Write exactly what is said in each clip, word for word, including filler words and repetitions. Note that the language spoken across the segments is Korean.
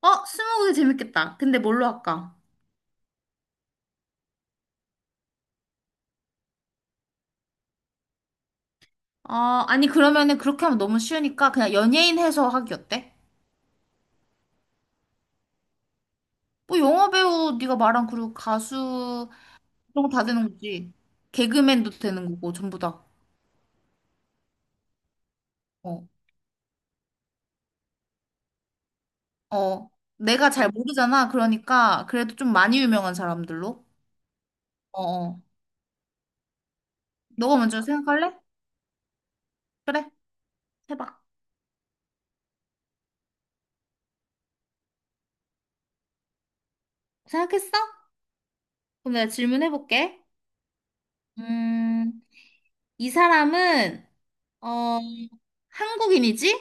어, 스무고개 재밌겠다. 근데 뭘로 할까? 아, 아니 그러면은 그렇게 하면 너무 쉬우니까 그냥 연예인 해서 하기 어때? 뭐 영화 배우 네가 말한 그리고 가수 이런 거 다 되는 거지. 개그맨도 되는 거고 전부 다. 어. 어. 내가 잘 모르잖아. 그러니까 그래도 좀 많이 유명한 사람들로. 어. 어. 너가 먼저 생각할래? 그래. 해봐. 생각했어? 그럼 내가 질문해 볼게. 음, 이 사람은 어, 한국인이지?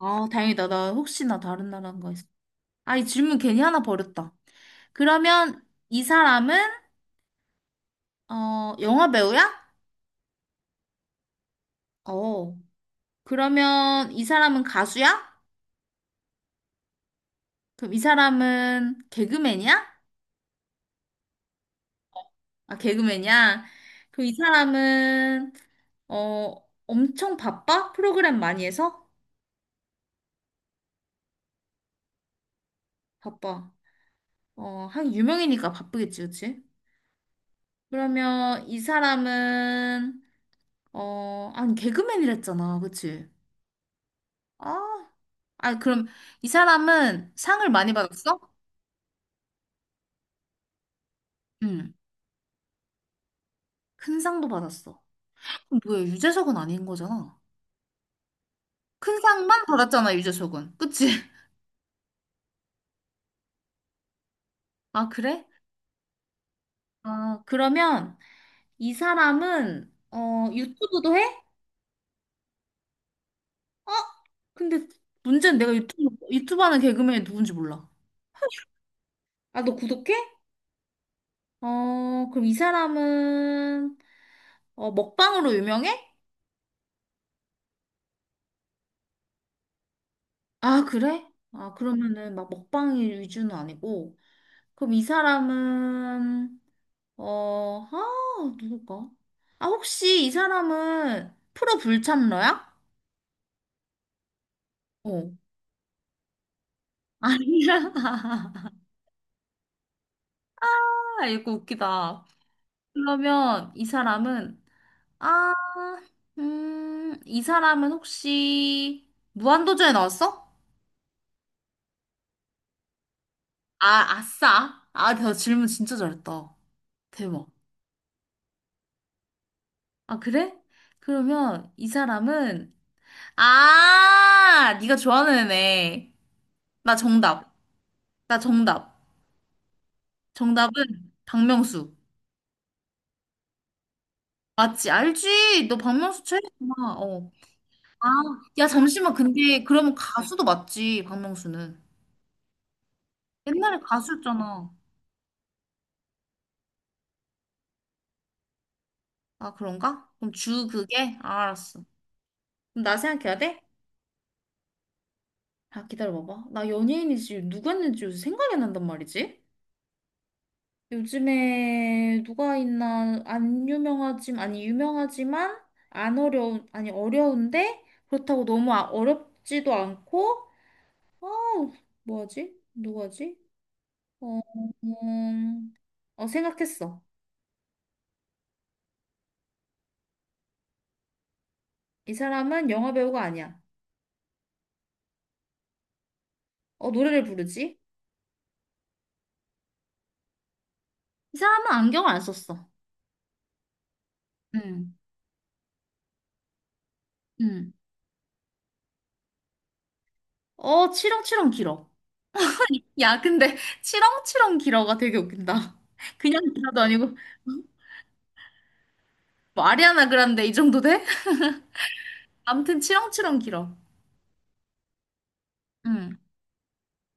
아, 다행이다. 나 혹시나 다른 나라인가 했어. 아, 이 질문 괜히 하나 버렸다. 그러면 이 사람은 어, 영화 배우야? 어. 그러면 이 사람은 가수야? 그럼 이 사람은 개그맨이야? 아, 개그맨이야? 그럼 이 사람은 어, 엄청 바빠? 프로그램 많이 해서? 바빠. 어, 한 유명이니까 바쁘겠지, 그치? 그러면 이 사람은 어, 아니, 개그맨이랬잖아, 그치? 아 아, 그럼 이 사람은 상을 많이 받았어? 응. 큰 상도 받았어. 그럼 뭐야, 유재석은 아닌 거잖아. 큰 상만 받았잖아, 유재석은. 그치? 아, 그래? 아, 그러면 이 사람은 어, 유튜브도 해? 어? 근데 문제는 내가 유튜브, 유튜브 하는 개그맨이 누군지 몰라. 아, 너 구독해? 어, 그럼 이 사람은 어, 먹방으로 유명해? 아, 그래? 아, 그러면은 막 먹방 위주는 아니고. 그럼 이 사람은 어, 아, 누굴까? 아, 혹시 이 사람은 프로 불참러야? 어. 아니야. 아, 이거 웃기다. 그러면 이 사람은, 아, 음, 이 사람은 혹시 무한도전에 나왔어? 아, 아싸. 아, 나 질문 진짜 잘했다. 대박. 아, 그래? 그러면 이 사람은 아, 네가 좋아하는 애네. 나 정답. 나 정답. 정답은 박명수. 맞지? 알지? 너 박명수 최애구나. 어. 아, 야, 잠시만. 근데 그러면 가수도 맞지, 박명수는. 옛날에 가수였잖아. 아, 그런가? 그럼 주 그게? 아, 알았어. 그럼 나 생각해야 돼? 아, 기다려봐봐. 나 연예인이지 누구였는지 요새 생각이 안 난단 말이지? 요즘에 누가 있나 안 유명하지만 아니 유명하지만 안 어려운 아니 어려운데 그렇다고 너무 아- 어렵지도 않고 어, 뭐지? 누구지? 어, 음, 어, 생각했어. 이 사람은 영화 배우가 아니야. 어, 노래를 부르지? 이 사람은 안경을 안 썼어. 응 응 어, 치렁치렁 길어. 야, 근데 치렁치렁 길어가 되게 웃긴다. 그냥 길어도 아니고 뭐 아리아나 그란데 이 정도 돼? 아무튼 치렁치렁 길어. 응,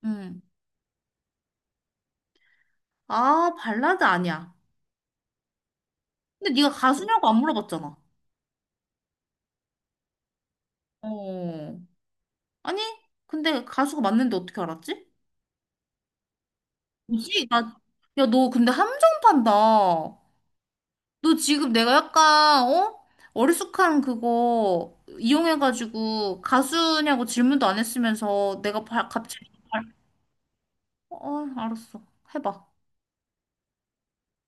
응. 아, 발라드 아니야. 근데 네가 가수냐고 안 물어봤잖아. 어. 아니, 근데 가수가 맞는데 어떻게 알았지? 뭐지? 나, 야, 너 근데 함정 판다. 너 지금 내가 약간, 어? 어리숙한 그거 이용해가지고 가수냐고 질문도 안 했으면서 내가 바, 갑자기, 발- 어, 알았어. 해봐.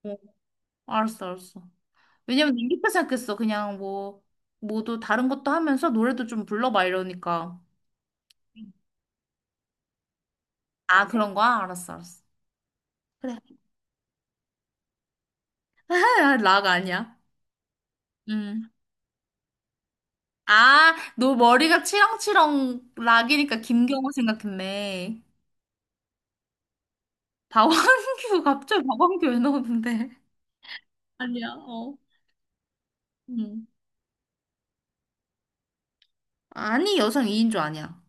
어, 알았어, 알았어. 왜냐면 난 이렇게 생각했어. 그냥 뭐, 뭐도 다른 것도 하면서 노래도 좀 불러봐 이러니까. 아, 그런 거야? 알았어, 알았어. 그래. 아, 아, 락 아니야. 음. 아, 너 머리가 치렁치렁 락이니까 김경호 생각했네. 박완규, 갑자기 박완규 왜 나오는데? 아니야, 어. 응. 아니, 여성 이인조 아니야.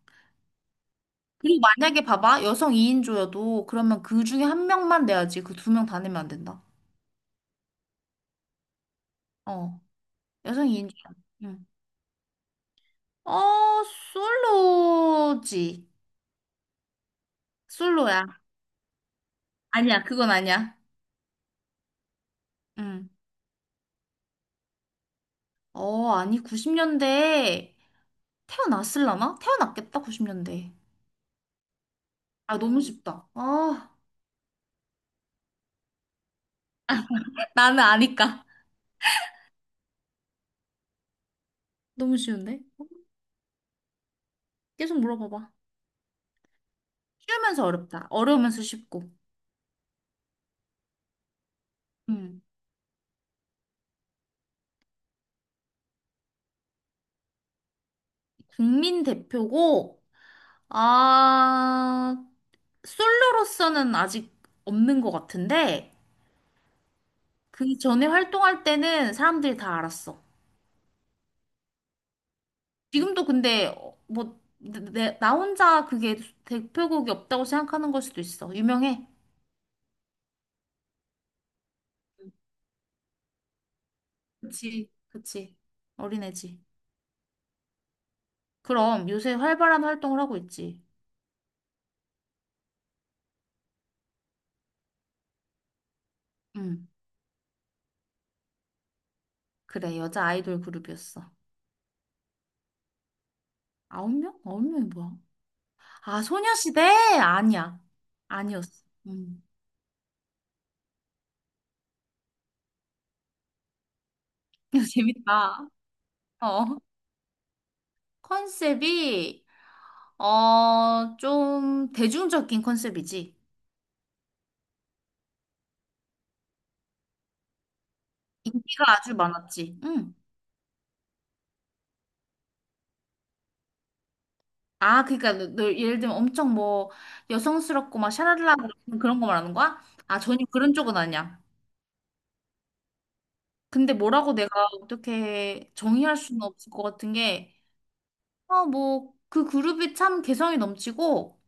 그리고 만약에 봐봐, 여성 이인조여도 그러면 그 중에 한 명만 내야지. 그 두 명 다 내면 안 된다. 어, 여성 이인조야. 응. 어, 솔로지. 솔로야. 아니야, 그건 아니야. 응. 어, 아니, 구십 년대 태어났을라나? 태어났겠다, 구십 년대. 아, 너무 쉽다. 아, 나는 아니까. 너무 쉬운데? 계속 물어봐봐. 쉬우면서 어렵다. 어려우면서 쉽고. 음. 국민 대표고, 아, 솔로로서는 아직 없는 것 같은데, 그 전에 활동할 때는 사람들이 다 알았어. 지금도 근데 어, 뭐, 내, 내- 나 혼자 그게 대표곡이 없다고 생각하는 걸 수도 있어. 유명해. 그치, 그치. 어린애지. 그럼 요새 활발한 활동을 하고 있지. 음. 그래, 여자 아이돌 그룹이었어. 아홉 명? 아홉 명이 뭐야? 아, 소녀시대? 아니야. 아니었어. 음. 이거 재밌다. 어. 컨셉이 어, 좀 대중적인 컨셉이지. 인기가 아주 많았지. 응. 아, 그러니까 너, 너 예를 들면 엄청 뭐 여성스럽고 막 샤랄라 그런 그런 거 말하는 거야? 아, 전혀 그런 쪽은 아니야. 근데 뭐라고 내가 어떻게 정의할 수는 없을 것 같은 게, 어, 뭐, 그 그룹이 참 개성이 넘치고,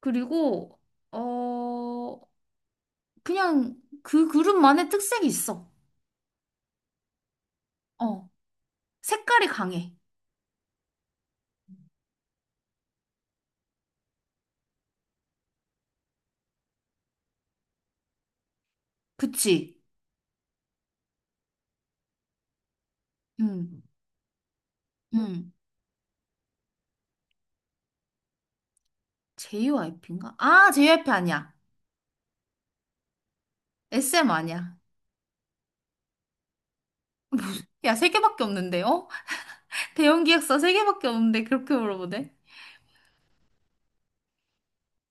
그리고 어 그냥 그 그룹만의 특색이 있어. 어 색깔이 강해. 그치? 음, 음. 제이와이피인가? 아 제이와이피 아니야. 에스엠 아니야. 야 세 개밖에 없는데 어? 대형 기획사 세 개밖에 없는데 그렇게 물어보네?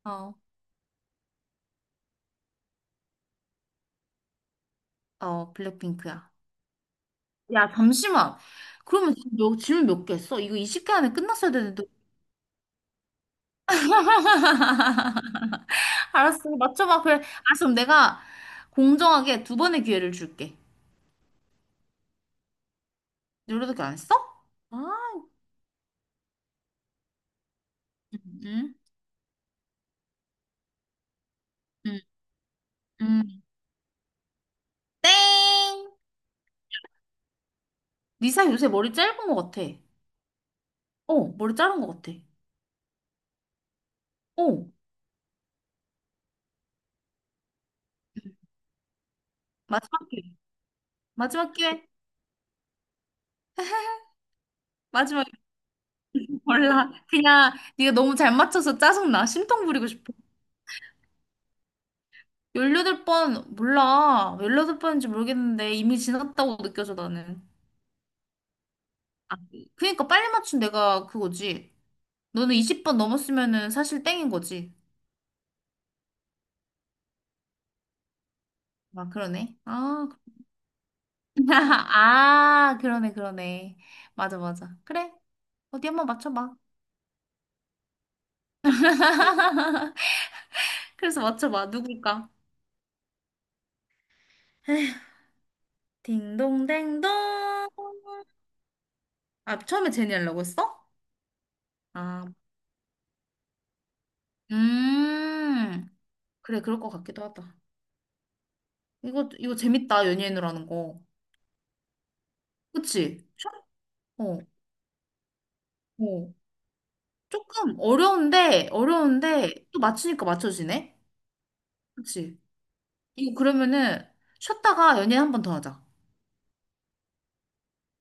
어, 어 블랙핑크야. 야 잠시만. 그러면 지금 너 질문 몇 개 했어? 이거 이십 개 안에 끝났어야 되는데. 알았어 맞춰봐. 그래. 알았어 그럼 내가 공정하게 두 번의 기회를 줄게. 요리도끼 안 써? 아, 응, 응, 응. 땡! 리사 요새 머리 짧은 것 같아. 어, 머리 자른 것 같아. 어, 마지막 기회. 마지막 기회. 마지막 기회. 몰라. 그냥 네가 너무 잘 맞춰서 짜증나. 심통 부리고 싶어. 열여덟 번 몰라. 열여덟 번인지 모르겠는데 이미 지났다고 느껴져, 나는. 아, 그니까 빨리 맞춘 내가 그거지. 너는 이십 번 넘었으면은 사실 땡인 거지. 아, 그러네. 아, 아, 그러네, 그러네. 맞아, 맞아. 그래. 어디 한번 맞춰봐. 그래서 맞춰봐. 누굴까? 딩동댕동. 아, 처음에 제니 하려고 했어? 아, 음. 그래, 그럴 것 같기도 하다. 이거, 이거 재밌다. 연예인으로 하는 거. 그치? 어, 어. 조금 어려운데, 어려운데, 또 맞추니까 맞춰지네? 그치? 이거 그러면은, 쉬었다가 연예인 한 번 더 하자.